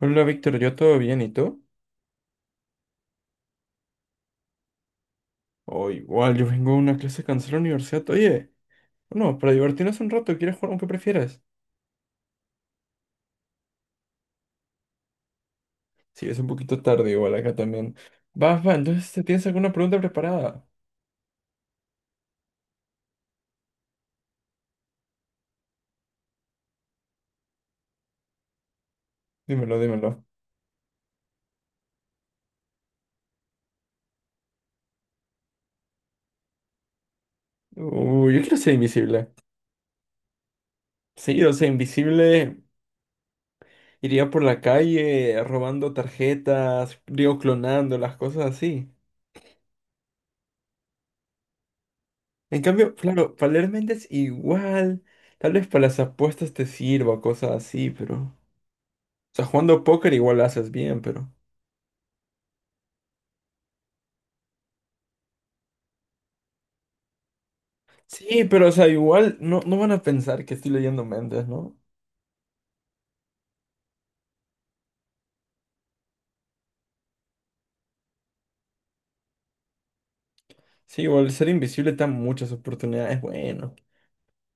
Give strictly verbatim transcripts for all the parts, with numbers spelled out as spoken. Hola Víctor, ¿yo todo bien? ¿Y tú? Oh, igual, yo vengo a una clase cansada de la universidad. Oye, no, para divertirnos un rato, ¿quieres jugar aunque prefieras? Sí, es un poquito tarde igual acá también. Va, va, entonces, ¿te ¿tienes alguna pregunta preparada? Dímelo, dímelo. Uy, yo quiero ser invisible. Sí, o sea, invisible iría por la calle robando tarjetas, digo, clonando las cosas así. En cambio, claro, para leer mentes igual. Tal vez para las apuestas te sirva, cosas así, pero sea, jugando póker igual lo haces bien, pero sí, pero o sea, igual no, no van a pensar que estoy leyendo mentes, ¿no? Sí, igual ser invisible te da muchas oportunidades, bueno.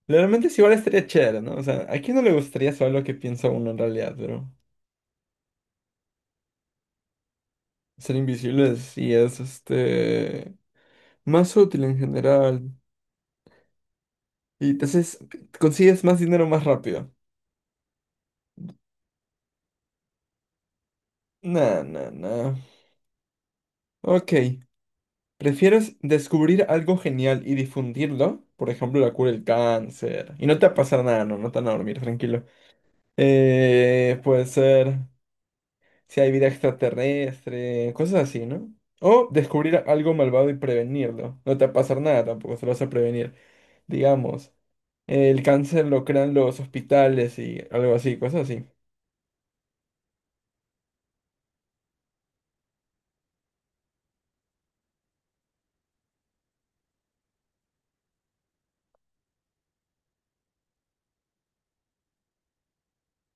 Realmente sí, igual estaría chévere, ¿no? O sea, ¿a quién no le gustaría saber lo que piensa uno en realidad? Pero ser invisible sí es, este... más útil en general. Y entonces consigues más dinero más rápido. Nah, nah, nah. Ok. ¿Prefieres descubrir algo genial y difundirlo? Por ejemplo, la cura del cáncer. Y no te va a pasar nada, no, no te van a dormir, tranquilo. Eh, puede ser si hay vida extraterrestre, cosas así, ¿no? O descubrir algo malvado y prevenirlo. No te va a pasar nada tampoco, se lo vas a prevenir. Digamos, el cáncer lo crean los hospitales y algo así, cosas así.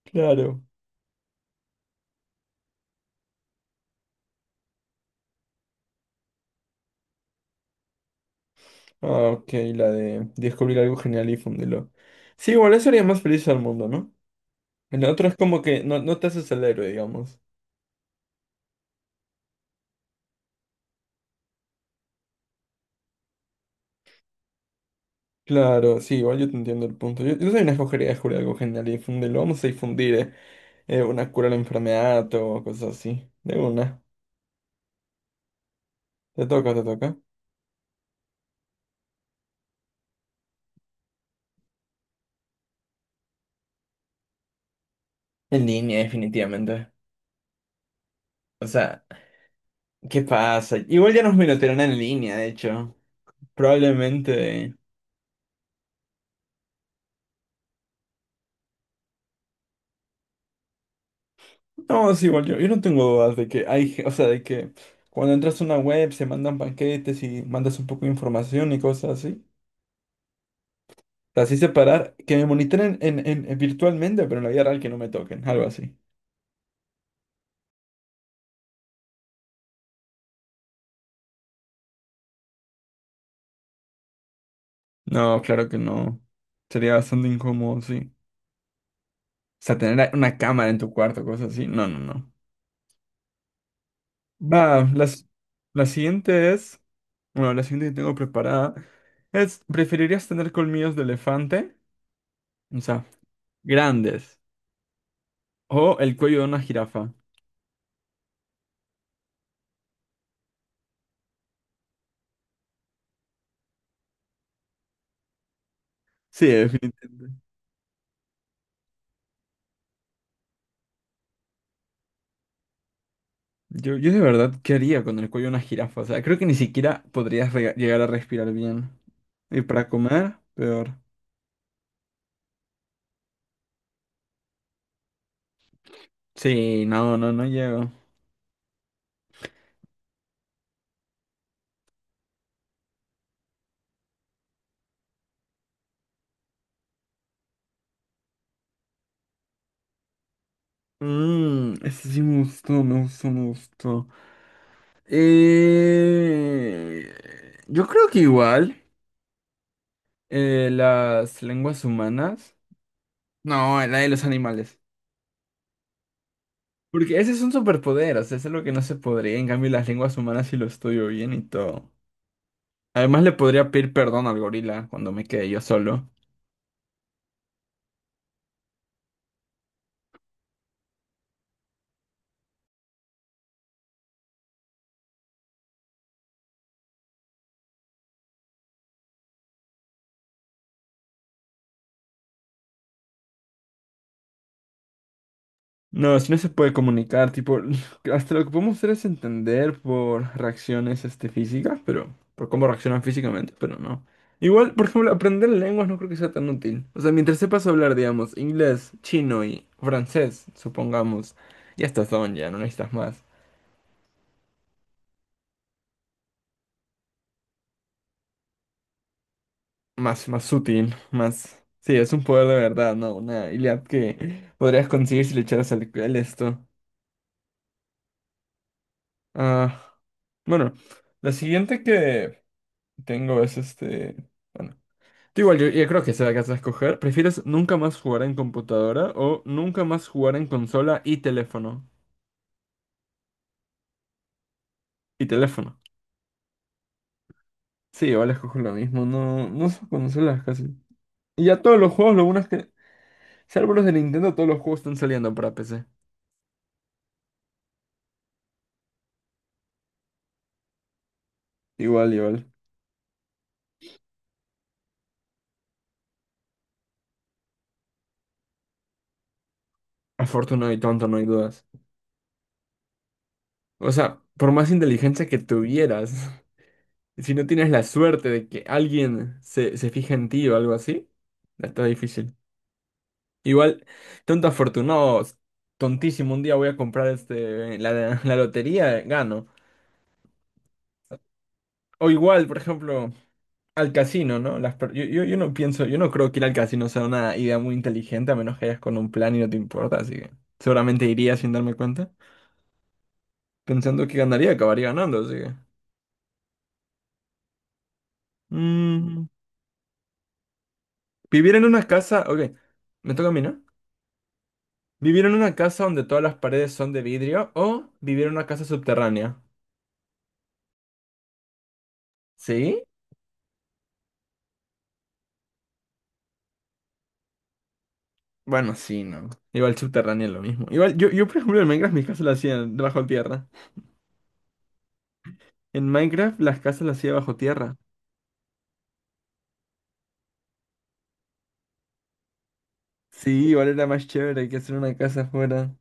Claro. Ah, ok, la de descubrir algo genial y difundirlo. Sí, igual eso haría más feliz al mundo, ¿no? El otro es como que no, no te haces el héroe, digamos. Claro, sí, igual yo te entiendo el punto. Yo, yo también escogería descubrir algo genial y difundirlo. Vamos a difundir eh, eh, una cura a la enfermedad o cosas así. De una. Te toca, te toca. En línea, definitivamente. O sea, ¿qué pasa? Igual ya nos minotearon en línea, de hecho. Probablemente. No, sí, igual yo, yo no tengo dudas de que hay, ge- o sea, de que cuando entras a una web se mandan paquetes y mandas un poco de información y cosas así. Así separar, que me monitoren en, en- en- virtualmente, pero en la vida real que no me toquen, algo así. No, claro que no. Sería bastante incómodo, sí. O sea, tener a- una cámara en tu cuarto, cosas así. No, no, no. Va, las, la siguiente es, bueno, la siguiente que tengo preparada es, ¿preferirías tener colmillos de elefante? O sea, grandes. O el cuello de una jirafa. Sí, definitivamente. Yo, yo de verdad, ¿qué haría con el cuello de una jirafa? O sea, creo que ni siquiera podrías rega- llegar a respirar bien. Y para comer, peor. Sí, no, no, no llego. Mmm, ese sí me gustó, me gustó, me gustó. Eh, yo creo que igual eh, las lenguas humanas. No, la de los animales. Porque ese es un superpoder, o sea, es algo que no se podría. En cambio, las lenguas humanas sí lo estudio bien y todo. Además, le podría pedir perdón al gorila cuando me quede yo solo. No, si no se puede comunicar, tipo, hasta lo que podemos hacer es entender por reacciones este, físicas, pero por cómo reaccionan físicamente, pero no. Igual, por ejemplo, aprender lenguas no creo que sea tan útil. O sea, mientras sepas hablar, digamos, inglés, chino y francés, supongamos, ya estás on, ya no necesitas más. Más, más útil, más sí, es un poder de verdad, no, una habilidad que podrías conseguir si le echaras al al esto. Ah, bueno, la siguiente que tengo es este bueno Tú Igual yo, yo creo que se la vas a escoger. ¿Prefieres nunca más jugar en computadora o nunca más jugar en consola y teléfono? Y teléfono. Sí, igual escojo lo mismo. No, no son consolas casi. Y ya todos los juegos, lo bueno es que, salvo los de Nintendo, todos los juegos están saliendo para P C. Igual, igual. Afortunado y tonto, no hay dudas. O sea, por más inteligencia que tuvieras, si no tienes la suerte de que alguien se, se fije en ti o algo así, está difícil. Igual, tonto afortunado, tontísimo, un día voy a comprar este, la, la lotería, gano. O igual, por ejemplo, al casino, ¿no? Las, per- yo, yo, yo no pienso, yo no creo que ir al casino sea una idea muy inteligente, a menos que vayas con un plan y no te importa, así que seguramente iría sin darme cuenta, pensando que ganaría, acabaría ganando, así que mm, vivir en una casa, ok, me toca a mí, ¿no? Vivir en una casa donde todas las paredes son de vidrio o vivir en una casa subterránea. ¿Sí? Bueno, sí, no. Igual subterráneo es lo mismo. Igual, yo, yo por ejemplo, en Minecraft mis casas las hacía bajo tierra. En Minecraft las casas las hacía bajo tierra. Sí, igual era más chévere que hacer una casa afuera.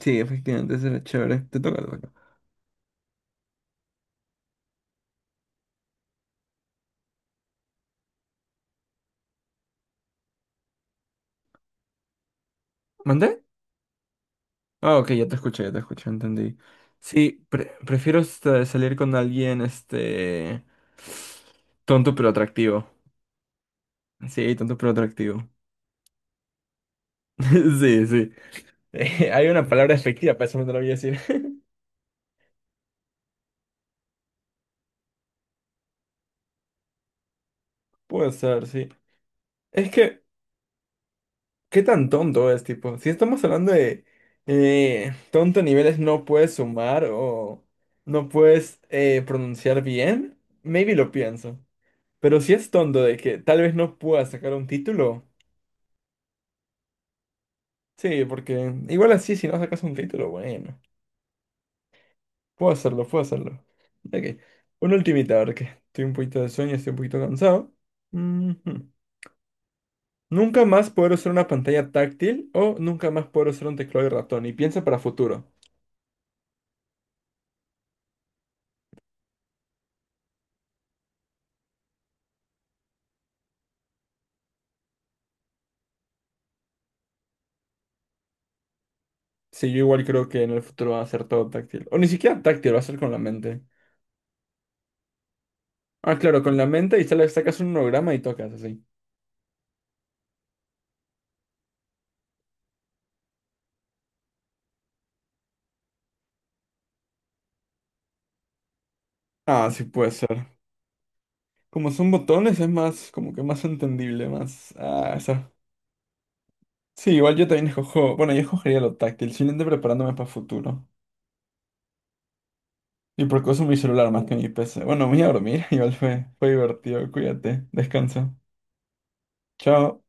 Sí, efectivamente, eso era chévere. Te toca, te toca. ¿Mandé? Ah, ok, ya te escuché, ya te escuché, entendí. Sí, pre- prefiero este, salir con alguien, este tonto pero atractivo. Sí, tonto pero atractivo. Sí, sí. Hay una palabra efectiva, para eso no te lo voy a decir. Puede ser, sí. Es que ¿qué tan tonto es, tipo? Si estamos hablando de eh, tonto a niveles no puedes sumar o no puedes eh, pronunciar bien, maybe lo pienso. Pero si es tonto de que tal vez no puedas sacar un título, sí, porque igual así si no sacas un título, bueno, puedo hacerlo, puedo hacerlo. Ok, una ultimita, ahora que estoy un poquito de sueño, estoy un poquito cansado. Ujú. Nunca más poder usar una pantalla táctil o nunca más poder usar un teclado y ratón. Y piensa para futuro. Sí, yo igual creo que en el futuro va a ser todo táctil. O ni siquiera táctil, va a ser con la mente. Ah, claro, con la mente y sale- sacas un holograma y tocas así. Ah, sí puede ser. Como son botones, es más, como que más entendible, más. Ah, esa. Sí, igual yo también escojo. Bueno, yo escogería lo táctil, simplemente preparándome para el futuro. Y porque uso mi celular más que mi P C. Bueno, me voy a dormir, igual fue, fue divertido. Cuídate, descansa. Chao.